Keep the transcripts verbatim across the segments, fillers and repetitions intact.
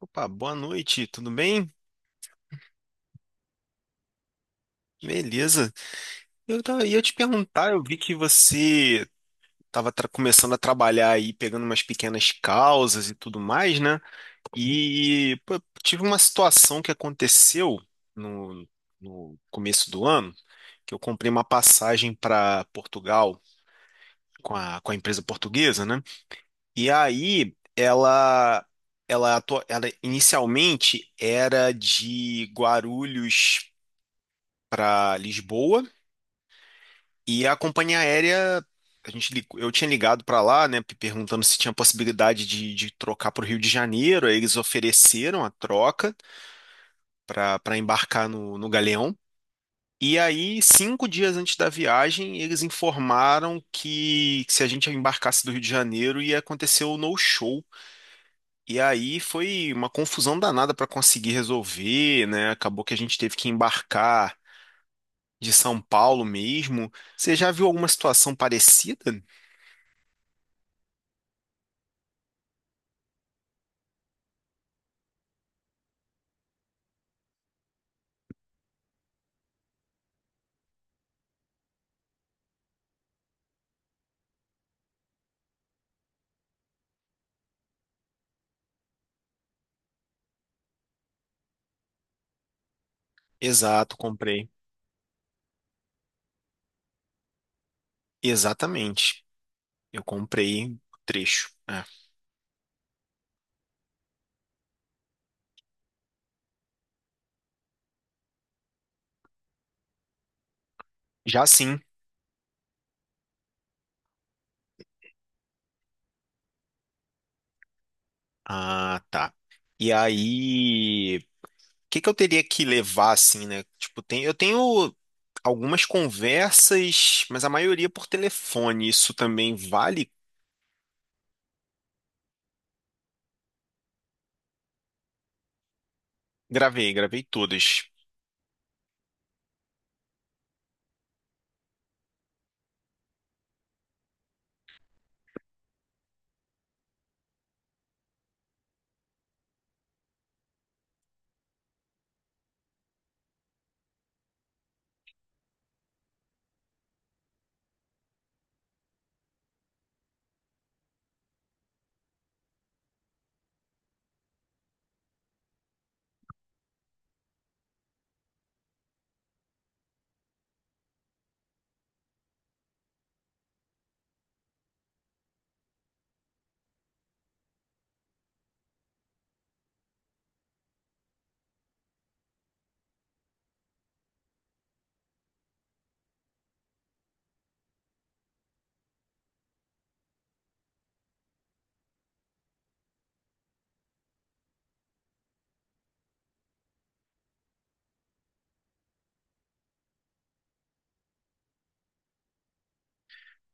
Opa, boa noite, tudo bem? Beleza. Eu ta- ia te perguntar, eu vi que você estava começando a trabalhar aí, pegando umas pequenas causas e tudo mais, né? E pô, tive uma situação que aconteceu no, no começo do ano, que eu comprei uma passagem para Portugal com a, com a empresa portuguesa, né? E aí ela, ela, atua- ela inicialmente era de Guarulhos para Lisboa. E a companhia aérea, a gente, lig- eu tinha ligado para lá, né, pe- perguntando se tinha possibilidade de, de trocar para o Rio de Janeiro. Aí eles ofereceram a troca para para embarcar no, no Galeão. E aí, cinco dias antes da viagem, eles informaram que, que se a gente embarcasse do Rio de Janeiro ia acontecer o no-show. E aí foi uma confusão danada para conseguir resolver, né? Acabou que a gente teve que embarcar de São Paulo mesmo. Você já viu alguma situação parecida? Exato, comprei. Exatamente. Eu comprei o trecho. É. Já sim. Ah, tá. E aí, o que que eu teria que levar assim, né? Tipo, tem, eu tenho algumas conversas, mas a maioria por telefone. Isso também vale? Gravei, gravei todas.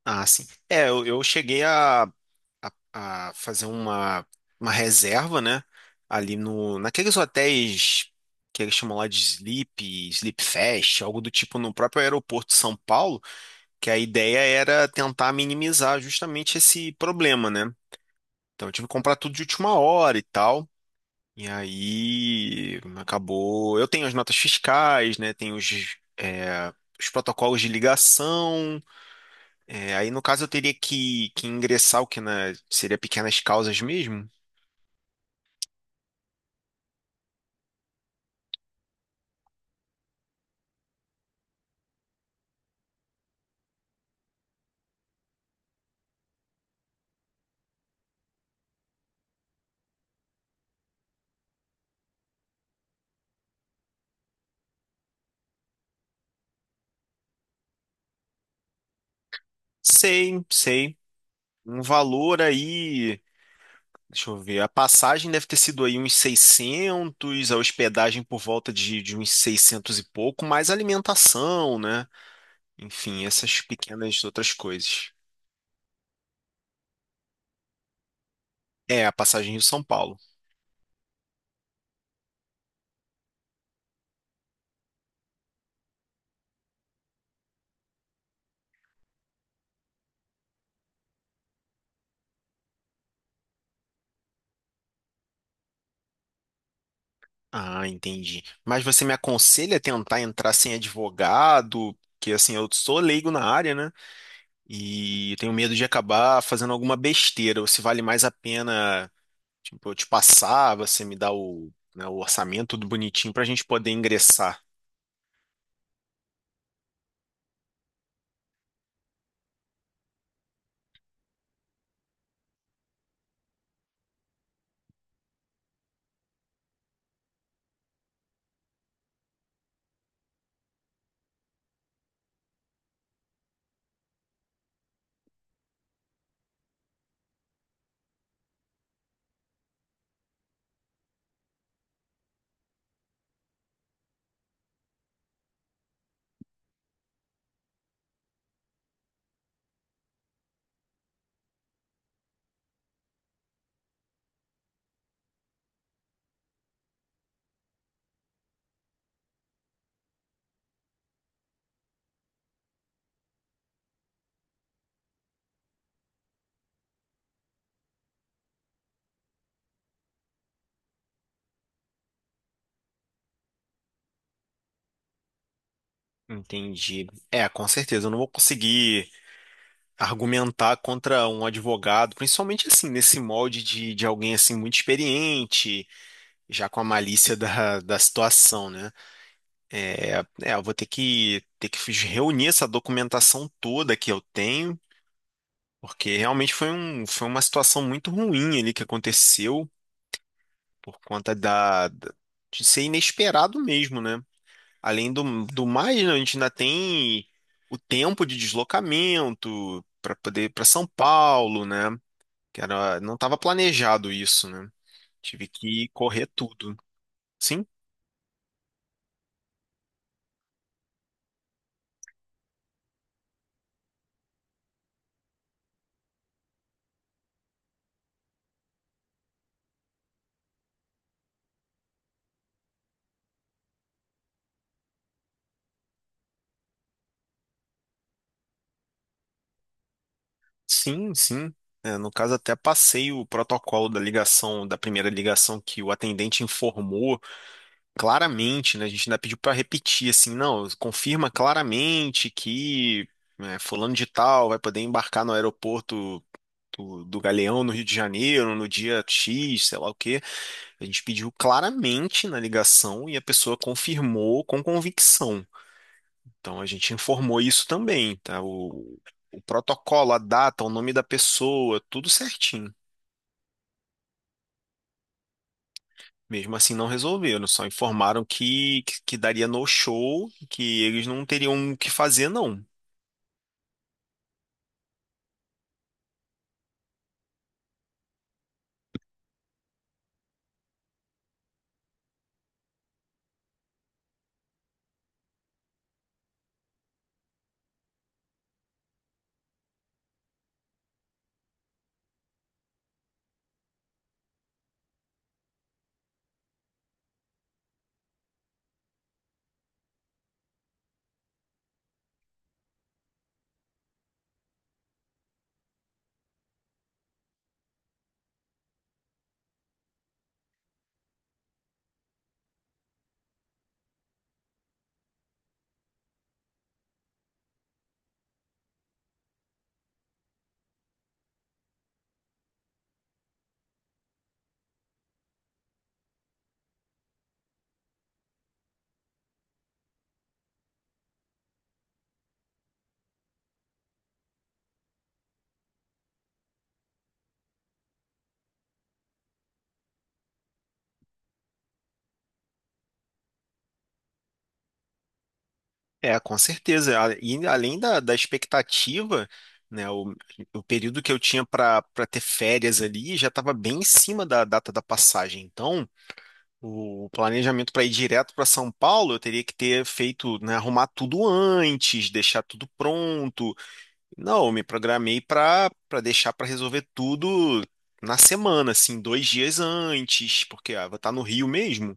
Ah, sim. É, eu, eu cheguei a a, a fazer uma, uma reserva, né? Ali no, naqueles hotéis que eles chamam lá de Sleep, Sleep Fest, algo do tipo no próprio aeroporto de São Paulo, que a ideia era tentar minimizar justamente esse problema, né? Então eu tive que comprar tudo de última hora e tal. E aí acabou. Eu tenho as notas fiscais, né? Tenho os, é, os protocolos de ligação. É, aí no caso eu teria que, que ingressar o que na, seria pequenas causas mesmo. Sei, sei. Um valor aí, deixa eu ver, a passagem deve ter sido aí uns seiscentos, a hospedagem por volta de, de uns seiscentos e pouco, mais alimentação, né? Enfim, essas pequenas outras coisas. É, a passagem Rio-São Paulo. Ah, entendi. Mas você me aconselha a tentar entrar sem advogado? Porque assim, eu sou leigo na área, né? E tenho medo de acabar fazendo alguma besteira, ou se vale mais a pena. Tipo, eu te passar, você me dá o, né, o orçamento tudo bonitinho pra gente poder ingressar. Entendi. É, com certeza, eu não vou conseguir argumentar contra um advogado, principalmente assim, nesse molde de, de alguém assim muito experiente, já com a malícia da, da situação, né? É, é, eu vou ter que ter que reunir essa documentação toda que eu tenho, porque realmente foi um, foi uma situação muito ruim ali que aconteceu por conta da, da- de ser inesperado mesmo, né? Além do, do mais, né, a gente ainda tem o tempo de deslocamento para poder ir para São Paulo, né? Que era, não estava planejado isso, né? Tive que correr tudo. Sim, sim, sim. É, no caso, até passei o protocolo da ligação, da primeira ligação que o atendente informou claramente, né? A gente ainda pediu para repetir, assim, não, confirma claramente que né, fulano de tal vai poder embarcar no aeroporto do, do Galeão no Rio de Janeiro, no dia X, sei lá o quê. A gente pediu claramente na ligação e a pessoa confirmou com convicção. Então a gente informou isso também, tá? O, o protocolo, a data, o nome da pessoa, tudo certinho. Mesmo assim não resolveram, só informaram que, que, que daria no show, que eles não teriam o que fazer, não. É, com certeza. A- E além da, da expectativa, né, o, o período que eu tinha para para ter férias ali já estava bem em cima da data da passagem. Então, o planejamento para ir direto para São Paulo, eu teria que ter feito, né, arrumar tudo antes, deixar tudo pronto. Não, eu me programei para para deixar para resolver tudo na semana, assim, dois dias antes, porque ah, vou estar no Rio mesmo.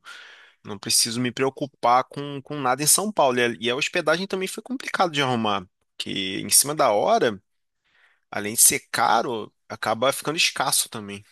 Não preciso me preocupar com, com nada em São Paulo. E a, e a hospedagem também foi complicado de arrumar, porque em cima da hora, além de ser caro, acaba ficando escasso também.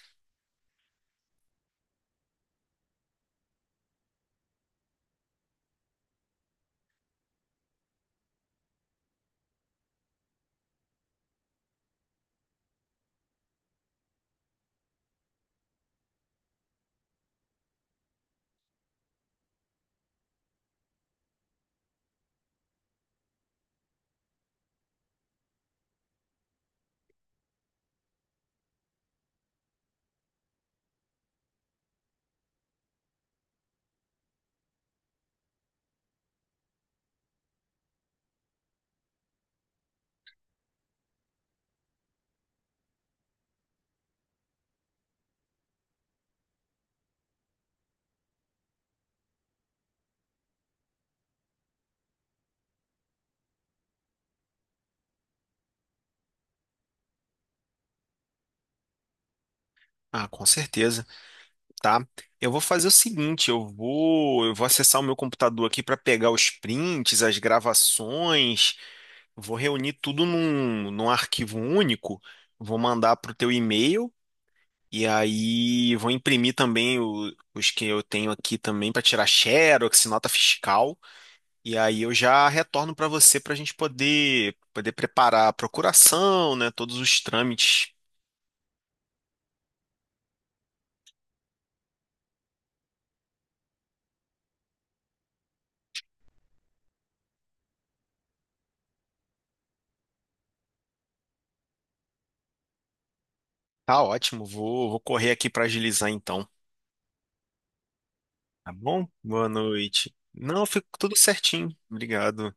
Ah, com certeza, tá? Eu vou fazer o seguinte, eu vou, eu vou acessar o meu computador aqui para pegar os prints, as gravações, vou reunir tudo num, num arquivo único, vou mandar para o teu e-mail. E aí vou imprimir também o- os que eu tenho aqui também para tirar xerox, nota fiscal. E aí eu já retorno para você para a gente poder poder preparar a procuração, né? Todos os trâmites. Tá ótimo, vou, vou correr aqui para agilizar então. Tá bom? Boa noite. Não, ficou tudo certinho. Obrigado.